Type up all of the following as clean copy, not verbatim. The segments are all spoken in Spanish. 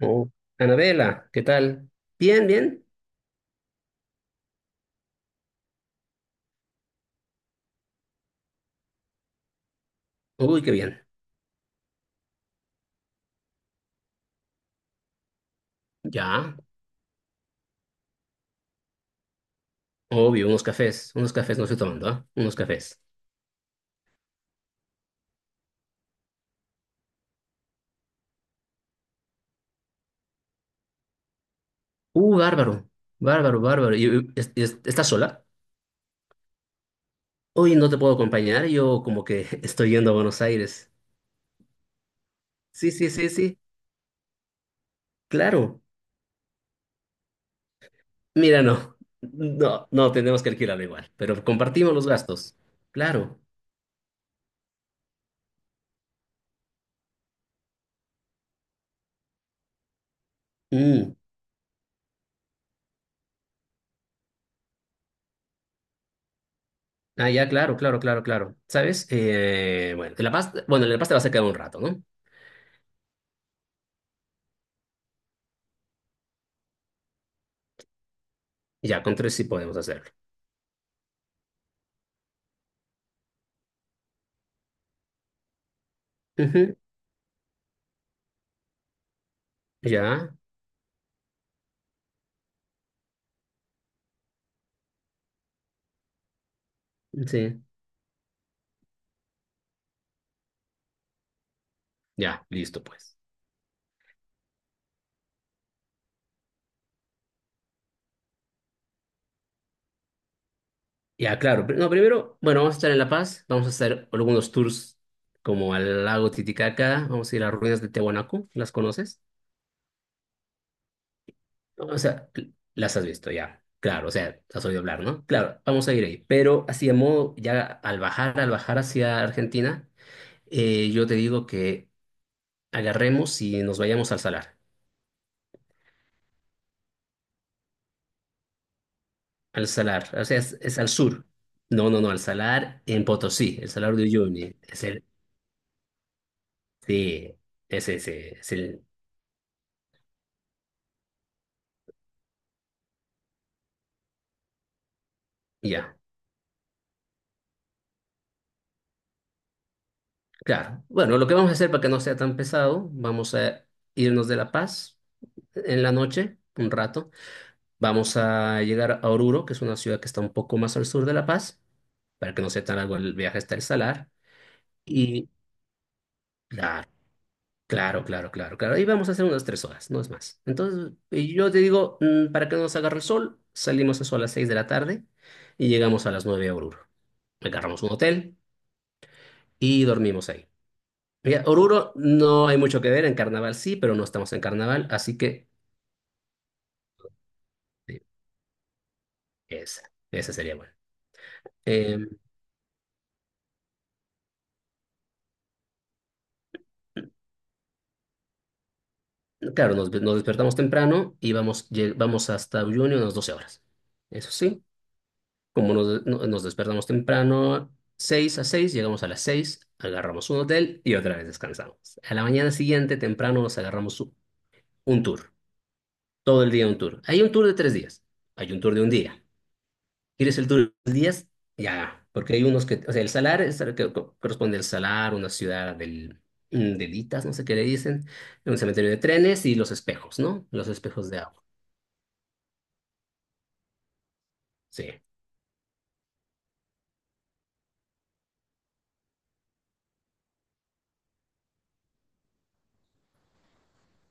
Oh, Anabela, ¿qué tal? Bien, bien. Uy, qué bien. Ya, obvio, unos cafés. Unos cafés no estoy tomando, ¿ah? Unos cafés. Bárbaro. Bárbaro, bárbaro. ¿Y, estás sola? Hoy no te puedo acompañar. Yo como que estoy yendo a Buenos Aires. Sí, sí, sí, sí. Claro. Mira, no. No, no, tenemos que alquilarlo igual. Pero compartimos los gastos. Claro. Mm. Ah, ya, claro, claro, claro, claro. ¿Sabes? Bueno, en La Paz, bueno, en La Paz te vas a quedar un rato, ¿no? Ya, con tres sí podemos hacerlo. Ujú, ya, sí, ya, listo pues. Ya, claro. No, primero, bueno, vamos a estar en La Paz, vamos a hacer algunos tours como al lago Titicaca, vamos a ir a las ruinas de Tiahuanaco, ¿las conoces? O sea, las has visto ya, claro, o sea, has oído hablar, ¿no? Claro, vamos a ir ahí, pero así de modo, ya al bajar hacia Argentina, yo te digo que agarremos y nos vayamos al Salar, o sea, es al sur. No, no, no, al Salar en Potosí, el Salar de Uyuni. Sí, ese es el... Ya, claro. Bueno, lo que vamos a hacer para que no sea tan pesado, vamos a irnos de La Paz en la noche, un rato. Vamos a llegar a Oruro, que es una ciudad que está un poco más al sur de La Paz, para que no sea tan largo el viaje hasta el Salar. Y claro, claro, claro, claro, claro. Y vamos a hacer unas tres horas, no es más. Entonces, y yo te digo, para que no nos agarre el sol, salimos eso a las seis de la tarde y llegamos a las nueve a Oruro. Agarramos un hotel y dormimos ahí. Mira, Oruro no hay mucho que ver, en carnaval sí, pero no estamos en carnaval, así que eh, esa, esa sería buena. Eh, claro, nos despertamos temprano y vamos, vamos hasta Uyuni unas 12 horas. Eso sí, como nos, no- nos despertamos temprano, 6 a 6 llegamos a las 6, agarramos un hotel y otra vez descansamos. A la mañana siguiente, temprano, un tour, todo el día un tour. Hay un tour de tres días, hay un tour de un día. ¿Quieres el tour de 10? Ya, porque hay unos que, o sea, el salar es el que corresponde al salar, una ciudad del, de Litas, no sé qué le dicen, un cementerio de trenes y los espejos, ¿no? Los espejos de agua. Sí.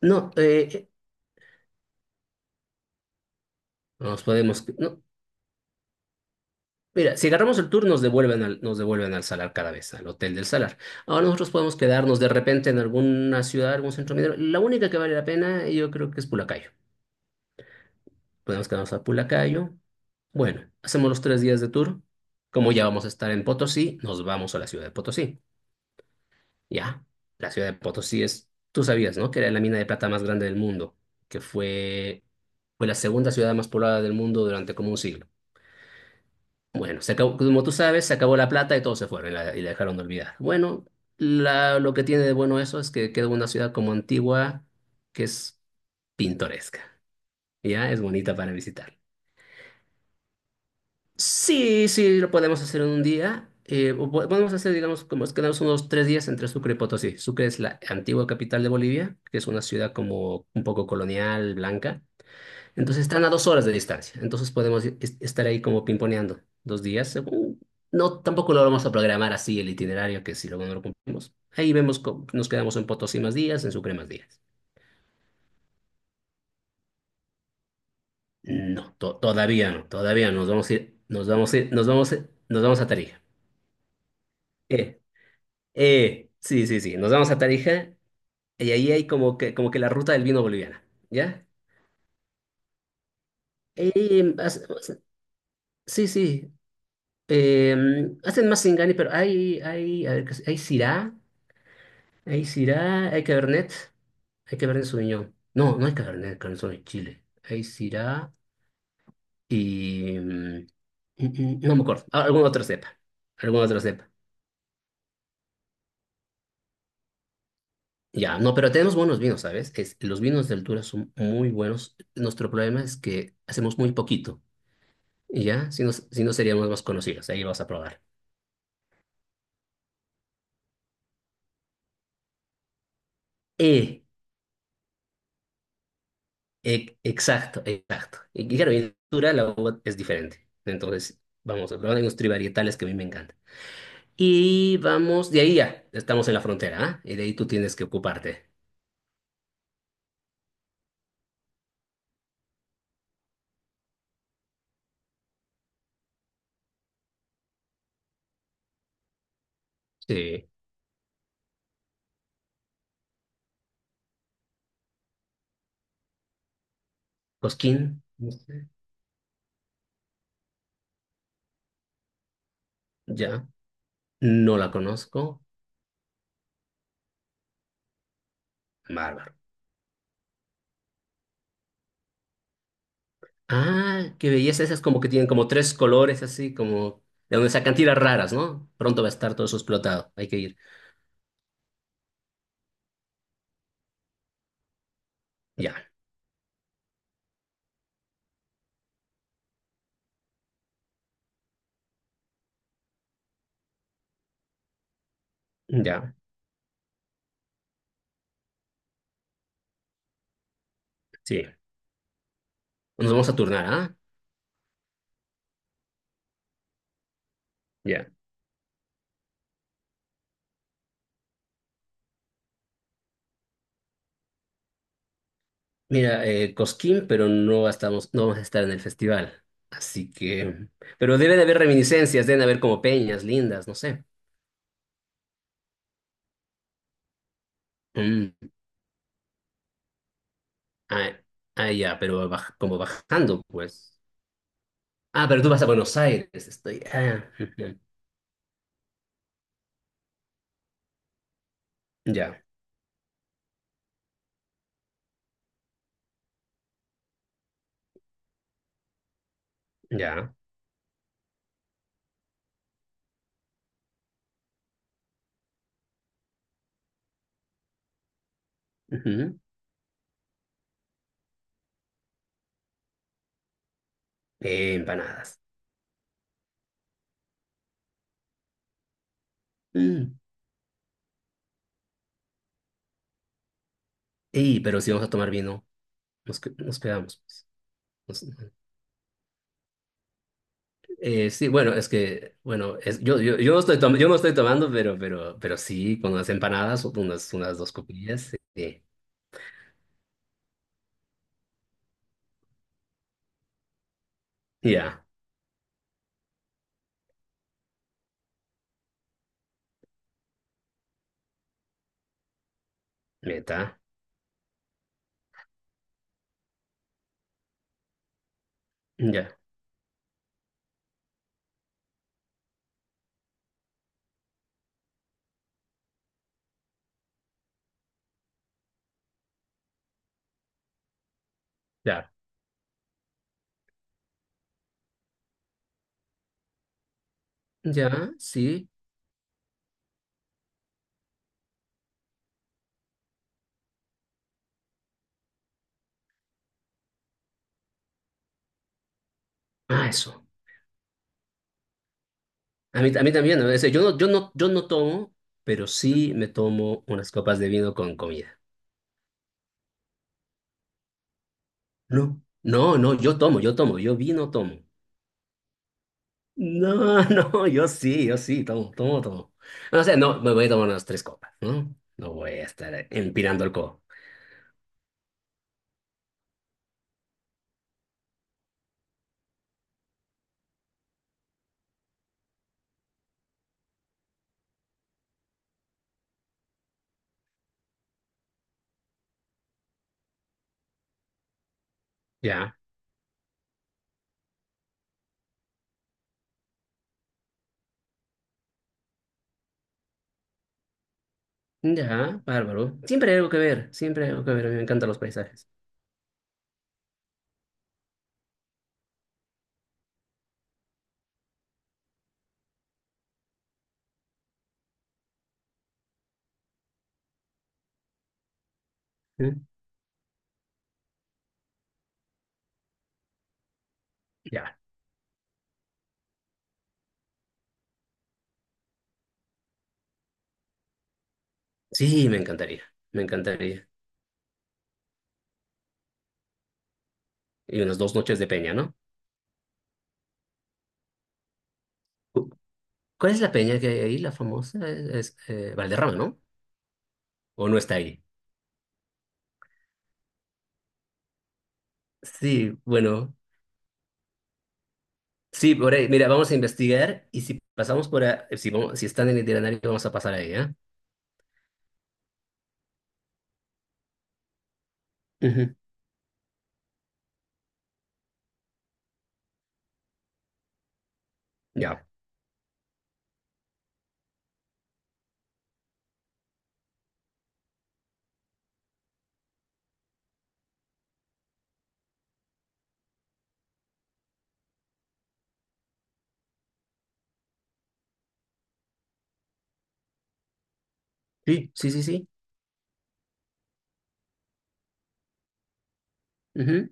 No, nos podemos, no. Mira, si agarramos el tour nos devuelven al salar cada vez, al hotel del salar. Ahora nosotros podemos quedarnos de repente en alguna ciudad, algún centro minero. La única que vale la pena yo creo que es Pulacayo. Podemos quedarnos a Pulacayo. Bueno, hacemos los tres días de tour. Como ya vamos a estar en Potosí, nos vamos a la ciudad de Potosí. Ya, la ciudad de Potosí es, tú sabías, ¿no? Que era la mina de plata más grande del mundo, que fue, fue la segunda ciudad más poblada del mundo durante como un siglo. Bueno, se como tú sabes, se acabó la plata y todos se fueron y la dejaron de olvidar. Bueno, lo que tiene de bueno eso es que queda una ciudad como antigua, que es pintoresca. Ya, es bonita para visitar. Sí, sí, lo podemos hacer en un día. Podemos hacer, digamos, como es quedamos unos tres días entre Sucre y Potosí. Sucre es la antigua capital de Bolivia, que es una ciudad como un poco colonial, blanca. Entonces están a dos horas de distancia. Entonces podemos estar ahí como pimponeando dos días. No, tampoco lo vamos a programar así el itinerario, que si luego no lo cumplimos. Ahí vemos, nos quedamos en Potosí más días, en Sucre más días. No, todavía no, todavía no, nos vamos a ir, nos vamos a ir, nos vamos a Tarija. Eh, sí, sí, sí. Nos vamos a Tarija y ahí hay como que la ruta del vino boliviana, ¿ya? Eh, hace- hace- sí, sí. Eh, Hacen más Singani, pero hay, a ver, ¿qué es? Hay Syrah, hay Syrah, hay Cabernet, hay Cabernet Sauvignon. No, no hay Cabernet, Cabernet Sauvignon en Chile. Hay Syrah y... no me acuerdo. Ah, alguna otra cepa. Alguna otra cepa. Ya, no, pero tenemos buenos vinos, ¿sabes? Es, los vinos de altura son muy buenos. Nuestro problema es que hacemos muy poquito. Y ya, si no, si no seríamos más conocidos, ahí lo vas a probar. Eh, exacto, exacto. Y claro, en altura la uva es diferente. Entonces, vamos a probar hay unos trivarietales que a mí me encantan. Y vamos, de ahí ya, estamos en la frontera, ¿ah? Y de ahí tú tienes que ocuparte. Sí, Cosquín, no sé, ya, no la conozco, bárbaro. Ah, qué belleza, esas como que tienen como tres colores así, como de donde sacan tiras raras, ¿no? Pronto va a estar todo eso explotado, hay que ir. Ya, ya, sí. Nos vamos a turnar, ¿ah? Ya. Mira, Cosquín, pero no estamos, no vamos a estar en el festival. Así que. Pero debe de haber reminiscencias, deben haber como peñas lindas, no sé. Mm, ah, ah, ya, pero como bajando, pues. Ah, pero tú vas a Buenos Aires, estoy. Ah, ujú. Ya, ya. Ujú. Empanadas. Mm. Ey, pero si vamos a tomar vino, nos quedamos, pues. Sí, bueno, es que, bueno, es, yo, yo no estoy tomando, pero sí, con unas empanadas, unas, unas dos copillas, sí. Sí. Ya, meta ya, ya, ya, sí. Ah, eso. A mí también, ¿no? Es yo no, yo no, yo no tomo, pero sí me tomo unas copas de vino con comida. No. No, no, yo tomo, yo tomo, yo vino tomo. No, no, yo sí, yo sí, tomo, tomo, tomo. No sé, no, me voy a tomar unas tres copas, ¿no? No voy a estar empinando el codo. Ya. Ya, bárbaro. Siempre hay algo que ver, siempre hay algo que ver. A mí me encantan los paisajes. ¿Mm? Ya. Sí, me encantaría, me encantaría. Y unas dos noches de peña, ¿no? Cu- ¿Cuál es la peña que hay ahí, la famosa? Valderrama, ¿no? ¿O no está ahí? Sí, bueno. Sí, por ahí. Mira, vamos a investigar y si pasamos por ahí, si, si están en el itinerario, vamos a pasar ahí, ¿eh? Ujú, ya. Sí, sí, sí, sí. Ujú.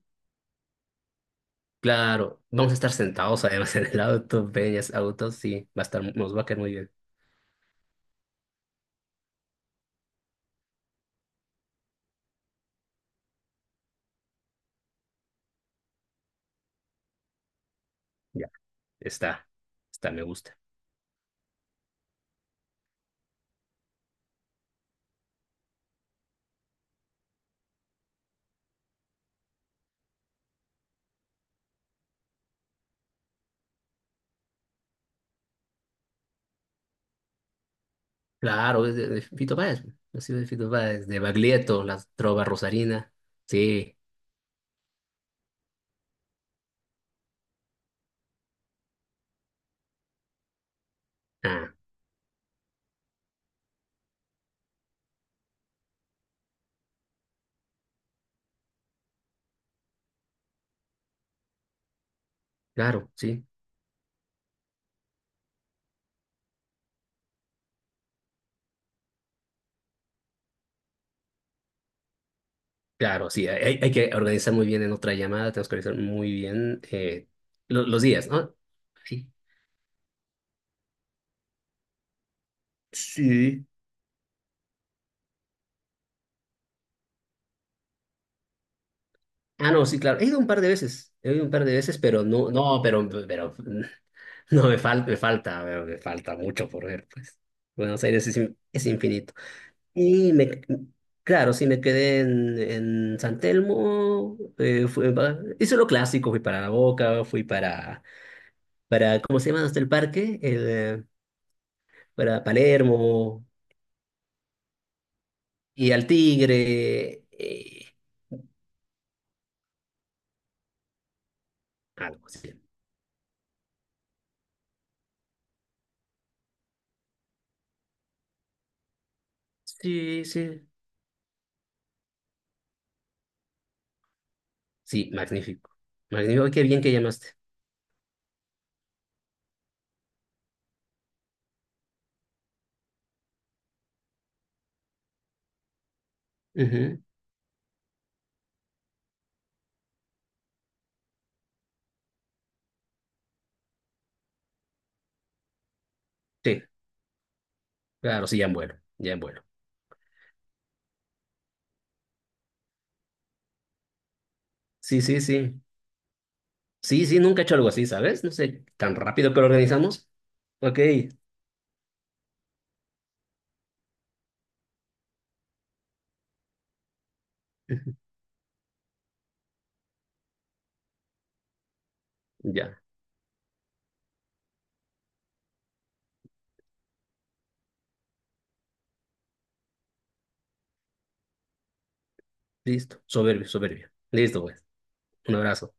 Claro, vamos a estar sentados además en el auto, peñas, autos, sí, va a estar, nos va a caer muy bien. Está, está, me gusta. Claro, es de Fito Páez. Ha sido de Fito Páez, de Baglietto, la trova rosarina. Sí, ah, claro, sí, claro, sí. Hay que organizar muy bien en otra llamada, tenemos que organizar muy bien los días, ¿no? Sí. Sí. Ah, no, sí, claro. He ido un par de veces, he ido un par de veces, pero no, no, pero no me falta, me falta, me falta mucho por ver, pues. Buenos Aires es, es infinito. Y me, claro, sí, me quedé en San Telmo. Hice lo clásico, fui para La Boca, fui para ¿cómo se llama? Hasta el parque, el, para Palermo y al Tigre. Algo así. Sí, sí. Sí, magnífico. Magnífico, qué bien que llamaste. Ujú, sí, claro, sí, ya en vuelo, ya en vuelo. Sí, sí, sí. Sí, sí, nunca he hecho algo así, ¿sabes? No sé, tan rápido que lo organizamos. Ok. Ujú. Ya. Listo. Soberbio, soberbio. Listo, pues. Un abrazo.